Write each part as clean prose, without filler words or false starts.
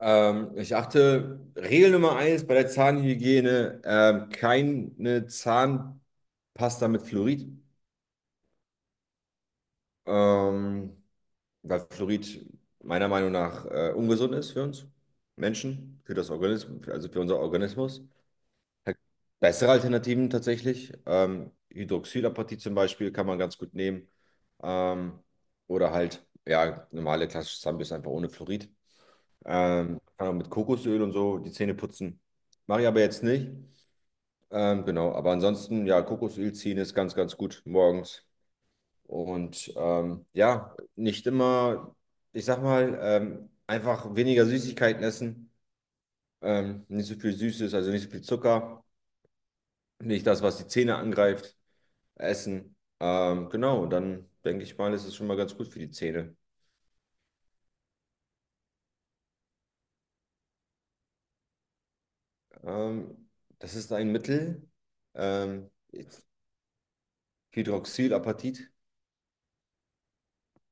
Ich achte, Regel Nummer eins bei der Zahnhygiene, keine Zahnpasta mit Fluorid, ähm, weil Fluorid meiner Meinung nach ungesund ist für uns Menschen, für das Organismus, also für unser Organismus. Bessere Alternativen tatsächlich, Hydroxylapatit zum Beispiel kann man ganz gut nehmen, ähm, oder halt, ja, normale klassische Zahnbürste einfach ohne Fluorid. Kann auch mit Kokosöl und so die Zähne putzen. Mache ich aber jetzt nicht. Genau, aber ansonsten, ja, Kokosöl ziehen ist ganz, ganz gut morgens. Und ja, nicht immer, ich sag mal, einfach weniger Süßigkeiten essen. Nicht so viel Süßes, also nicht so viel Zucker. Nicht das, was die Zähne angreift, essen. Genau, und dann denke ich mal, ist es schon mal ganz gut für die Zähne. Ähm, das ist ein Mittel, ähm, Hydroxylapatit.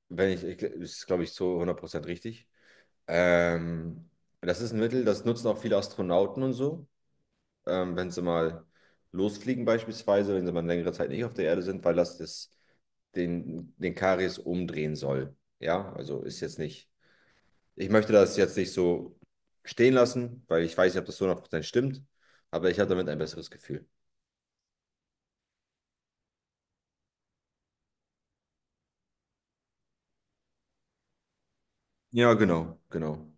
Wenn ich, ich ist, glaube ich, zu 100% richtig. Ähm, das ist ein Mittel, das nutzen auch viele Astronauten und so, wenn sie mal losfliegen beispielsweise, wenn sie mal eine längere Zeit nicht auf der Erde sind, weil das den Karies umdrehen soll. Ja, also ist jetzt nicht, ich möchte das jetzt nicht so stehen lassen, weil ich weiß nicht, ob das zu 100% stimmt, aber ich habe damit ein besseres Gefühl. Ja, genau, genau.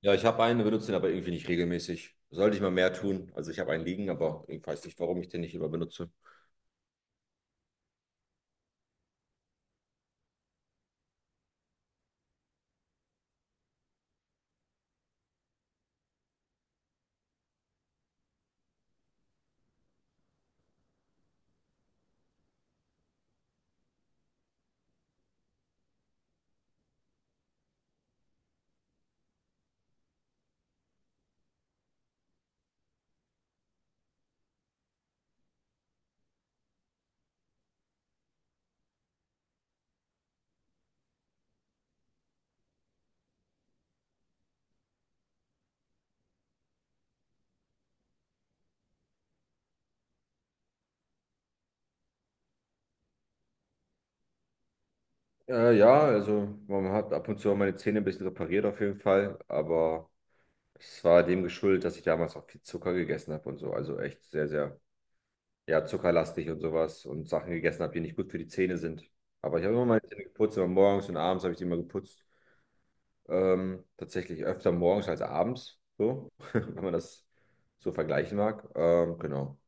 Ja, ich habe einen, benutze den aber irgendwie nicht regelmäßig. Sollte ich mal mehr tun. Also ich habe einen liegen, aber ich weiß nicht, warum ich den nicht immer benutze. Ja, also man hat ab und zu auch meine Zähne ein bisschen repariert auf jeden Fall, aber es war dem geschuldet, dass ich damals auch viel Zucker gegessen habe und so. Also echt sehr, sehr, ja, zuckerlastig und sowas und Sachen gegessen habe, die nicht gut für die Zähne sind. Aber ich habe immer meine Zähne geputzt, immer morgens und abends habe ich die immer geputzt. Tatsächlich öfter morgens als abends, so, wenn man das so vergleichen mag. Genau.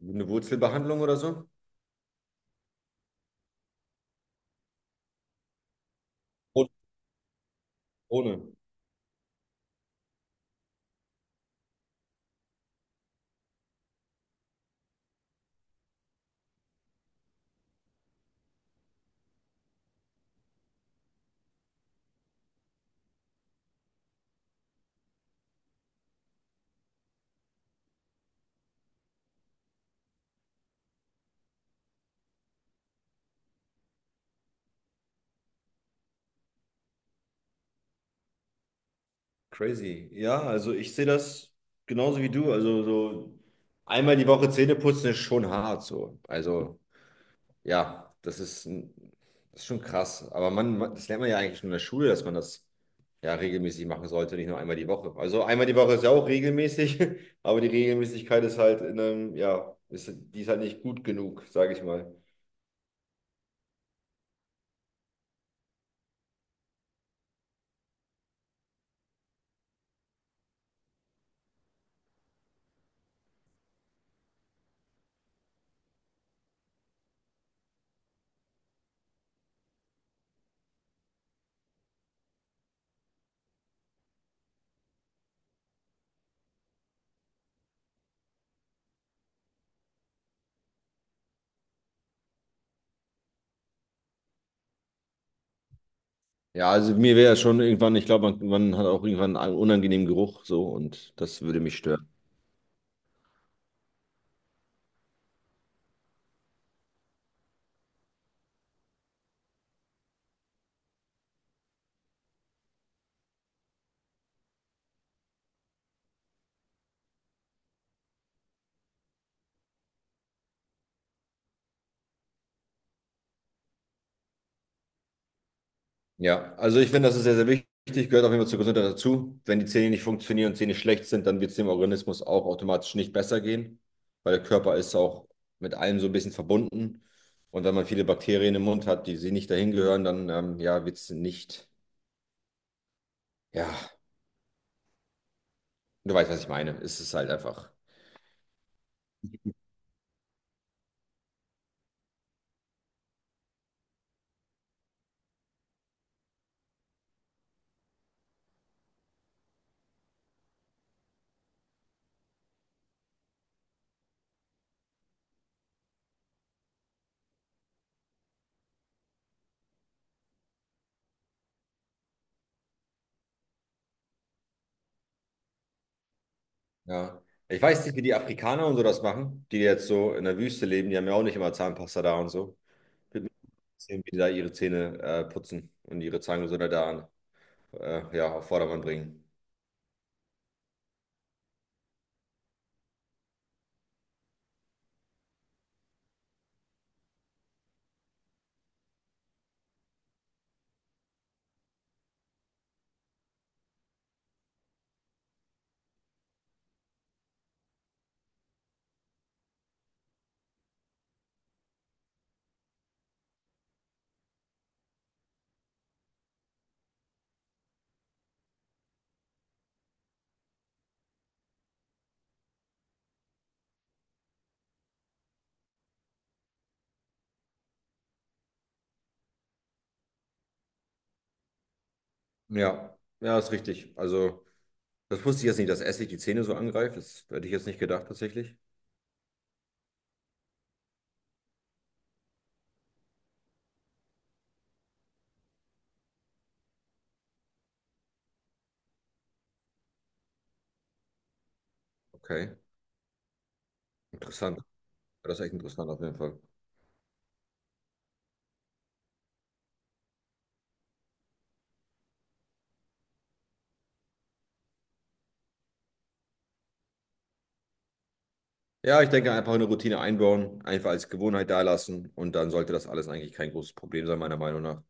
Eine Wurzelbehandlung oder so? Ohne. Ohne. Crazy. Ja, also ich sehe das genauso wie du. Also so einmal die Woche Zähne putzen ist schon hart so. Also ja, das ist, das ist schon krass. Aber man, das lernt man ja eigentlich schon in der Schule, dass man das ja regelmäßig machen sollte, nicht nur einmal die Woche. Also einmal die Woche ist ja auch regelmäßig, aber die Regelmäßigkeit ist halt in einem, ja, ist, die ist halt nicht gut genug, sage ich mal. Ja, also mir wäre schon irgendwann, ich glaube, man hat auch irgendwann einen unangenehmen Geruch so und das würde mich stören. Ja, also ich finde, das ist sehr, sehr wichtig, gehört auf jeden Fall zur Gesundheit dazu. Wenn die Zähne nicht funktionieren und Zähne schlecht sind, dann wird es dem Organismus auch automatisch nicht besser gehen, weil der Körper ist auch mit allem so ein bisschen verbunden. Und wenn man viele Bakterien im Mund hat, die sie nicht dahin gehören, dann ja, wird es nicht, ja, du weißt, was ich meine. Es ist halt einfach, ja. Ich weiß nicht, wie die Afrikaner und so das machen, die jetzt so in der Wüste leben, die haben ja auch nicht immer Zahnpasta da und so. Wird mich sehen, wie die da ihre Zähne putzen und ihre Zahngesundheit da ja, auf Vordermann bringen. Ja, ja, ist richtig. Also, das wusste ich jetzt nicht, dass Essig die Zähne so angreift. Das hätte ich jetzt nicht gedacht, tatsächlich. Okay, interessant. Ja, das ist echt interessant auf jeden Fall. Ja, ich denke, einfach eine Routine einbauen, einfach als Gewohnheit da lassen und dann sollte das alles eigentlich kein großes Problem sein, meiner Meinung nach.